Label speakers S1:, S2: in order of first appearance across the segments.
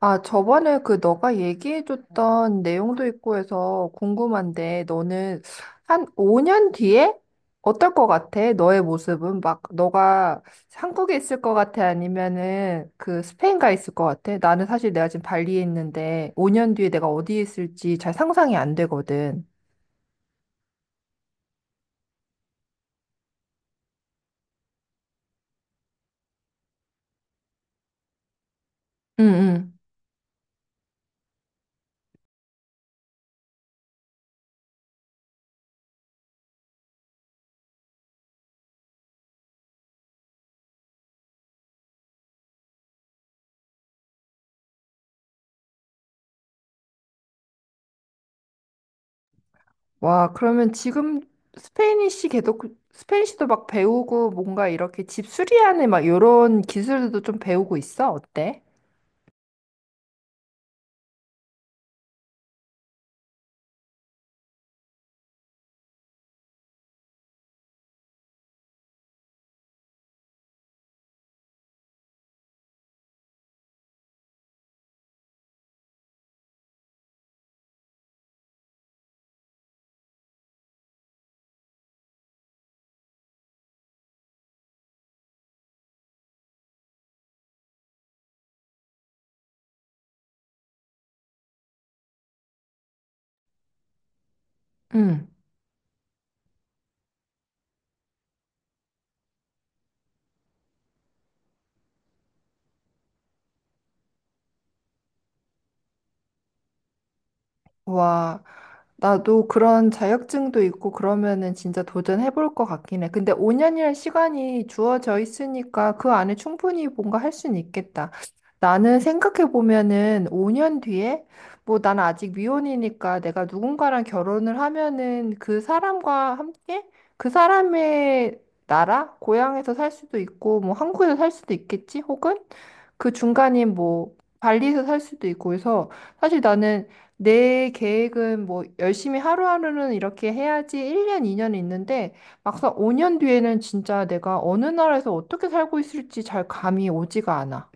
S1: 아, 저번에 그 너가 얘기해줬던 내용도 있고 해서 궁금한데, 너는 한 5년 뒤에 어떨 것 같아? 너의 모습은? 막, 너가 한국에 있을 것 같아? 아니면은 그 스페인 가 있을 것 같아? 나는 사실 내가 지금 발리에 있는데, 5년 뒤에 내가 어디에 있을지 잘 상상이 안 되거든. 응, 응. 와, 그러면 지금 스페니쉬 계속, 스페니쉬도 막 배우고 뭔가 이렇게 집 수리하는 막 이런 기술도 좀 배우고 있어? 어때? 응. 와, 나도 그런 자격증도 있고 그러면은 진짜 도전해볼 것 같긴 해. 근데 5년이란 시간이 주어져 있으니까 그 안에 충분히 뭔가 할 수는 있겠다. 나는 생각해보면은 5년 뒤에 뭐 나는 아직 미혼이니까 내가 누군가랑 결혼을 하면은 그 사람과 함께 그 사람의 나라, 고향에서 살 수도 있고 뭐 한국에서 살 수도 있겠지? 혹은 그 중간인 뭐 발리에서 살 수도 있고 해서 사실 나는 내 계획은 뭐 열심히 하루하루는 이렇게 해야지 1년, 2년 있는데, 막상 5년 뒤에는 진짜 내가 어느 나라에서 어떻게 살고 있을지 잘 감이 오지가 않아.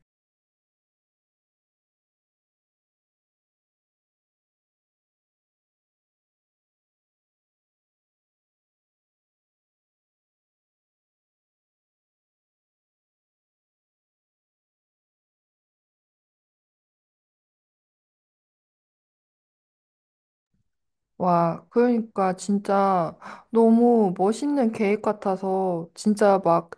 S1: 와, 그러니까 진짜 너무 멋있는 계획 같아서 진짜 막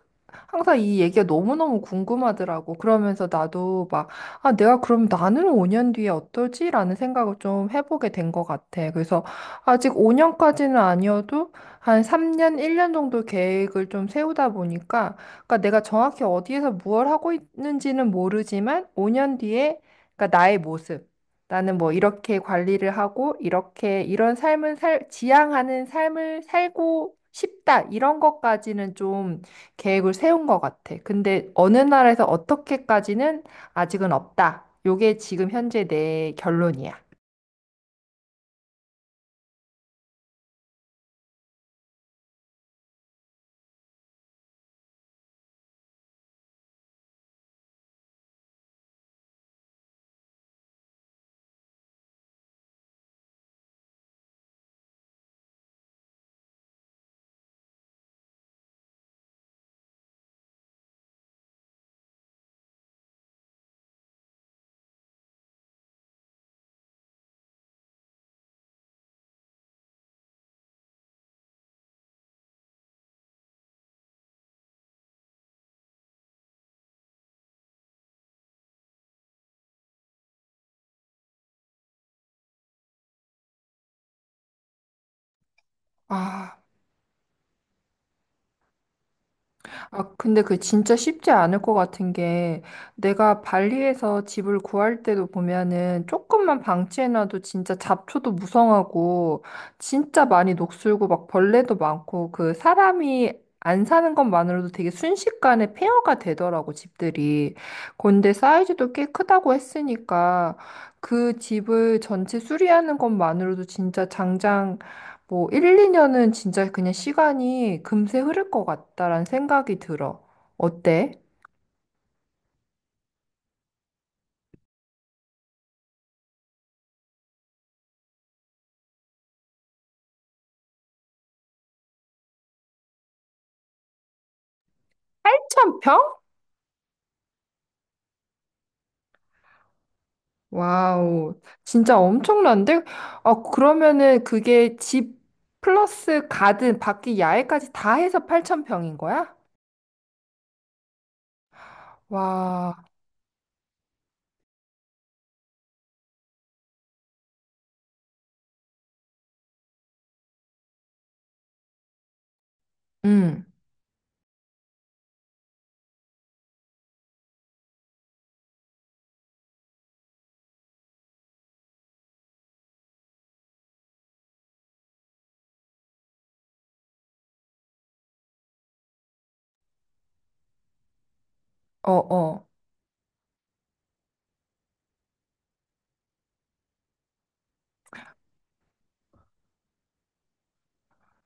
S1: 항상 이 얘기가 너무너무 궁금하더라고. 그러면서 나도 막, 아, 내가 그럼 나는 5년 뒤에 어떨지라는 생각을 좀 해보게 된 것 같아. 그래서 아직 5년까지는 아니어도 한 3년, 1년 정도 계획을 좀 세우다 보니까, 그러니까 내가 정확히 어디에서 무엇을 하고 있는지는 모르지만 5년 뒤에, 그러니까 나의 모습. 나는 뭐 이렇게 관리를 하고 이렇게 이런 삶을 살, 지향하는 삶을 살고 싶다. 이런 것까지는 좀 계획을 세운 것 같아. 근데 어느 나라에서 어떻게까지는 아직은 없다. 요게 지금 현재 내 결론이야. 아. 아, 근데 그 진짜 쉽지 않을 것 같은 게 내가 발리에서 집을 구할 때도 보면은 조금만 방치해놔도 진짜 잡초도 무성하고 진짜 많이 녹슬고 막 벌레도 많고 그 사람이 안 사는 것만으로도 되게 순식간에 폐허가 되더라고 집들이. 근데 사이즈도 꽤 크다고 했으니까 그 집을 전체 수리하는 것만으로도 진짜 장장 뭐 1, 2년은 진짜 그냥 시간이 금세 흐를 것 같다라는 생각이 들어. 어때? 8,000평? 와우, 진짜 엄청난데? 아, 그러면은 그게 집 플러스 가든 밖에 야외까지 다 해서 8,000평인 거야? 와, 응, 어, 어.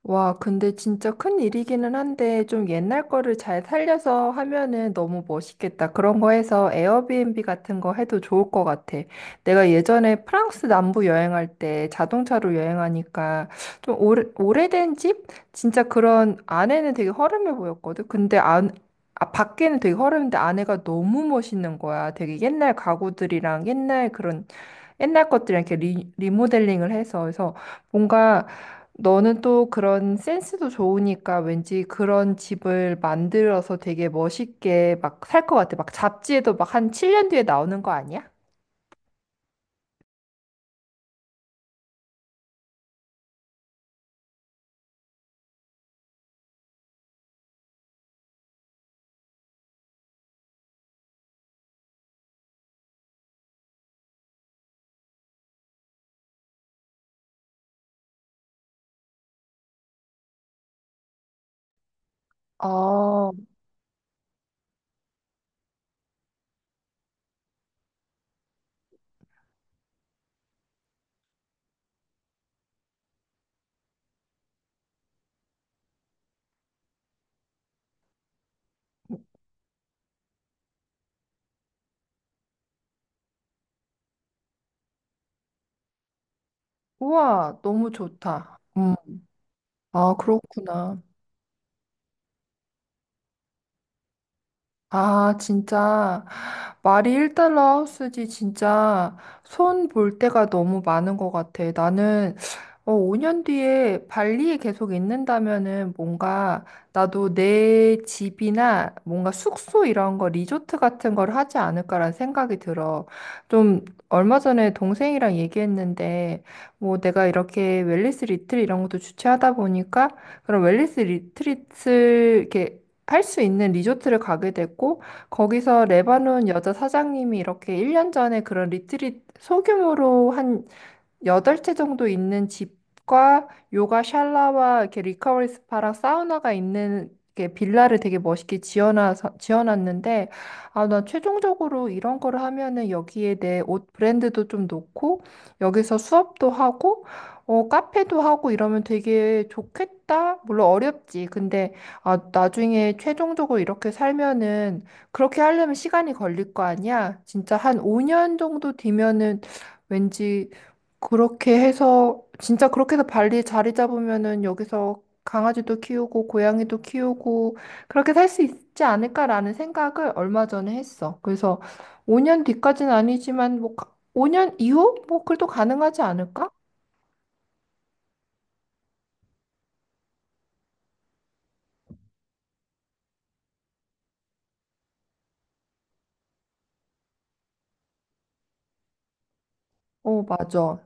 S1: 와, 근데 진짜 큰 일이기는 한데 좀 옛날 거를 잘 살려서 하면은 너무 멋있겠다. 그런 거 해서 에어비앤비 같은 거 해도 좋을 것 같아. 내가 예전에 프랑스 남부 여행할 때 자동차로 여행하니까 좀 오래된 집? 진짜 그런 안에는 되게 허름해 보였거든. 근데 안, 아, 밖에는 되게 허름한데 안에가 너무 멋있는 거야. 되게 옛날 가구들이랑 옛날 그런 옛날 것들 이렇게 리, 리모델링을 해서 그래서 뭔가 너는 또 그런 센스도 좋으니까 왠지 그런 집을 만들어서 되게 멋있게 막 살 것 같아. 막 잡지에도 막 한 7년 뒤에 나오는 거 아니야? 아, 우와, 너무 좋다. 아, 그렇구나. 아, 진짜. 말이 1달러 하우스지, 진짜. 손 볼 데가 너무 많은 것 같아. 나는, 어, 5년 뒤에 발리에 계속 있는다면은 뭔가 나도 내 집이나 뭔가 숙소 이런 거, 리조트 같은 걸 하지 않을까라는 생각이 들어. 좀, 얼마 전에 동생이랑 얘기했는데, 뭐 내가 이렇게 웰니스 리트릿 이런 것도 주최하다 보니까, 그런 웰니스 리트릿을 이렇게 할 수 있는 리조트를 가게 됐고 거기서 레바논 여자 사장님이 이렇게 1년 전에 그런 리트릿 소규모로 한 여덟 채 정도 있는 집과 요가 샬라와 이렇게 리커버리 스파랑 사우나가 있는 이렇게 빌라를 되게 멋있게 지어놔서 지어놨는데, 아, 나 최종적으로 이런 거를 하면은 여기에 내 옷 브랜드도 좀 놓고 여기서 수업도 하고 어, 카페도 하고 이러면 되게 좋겠다. 물론 어렵지. 근데 아, 나중에 최종적으로 이렇게 살면은 그렇게 하려면 시간이 걸릴 거 아니야? 진짜 한 5년 정도 뒤면은 왠지 그렇게 해서 진짜 그렇게 해서 발리 자리 잡으면은 여기서 강아지도 키우고 고양이도 키우고 그렇게 살 수 있지 않을까라는 생각을 얼마 전에 했어. 그래서 5년 뒤까지는 아니지만 뭐 5년 이후 뭐 그래도 가능하지 않을까? 어, 맞아.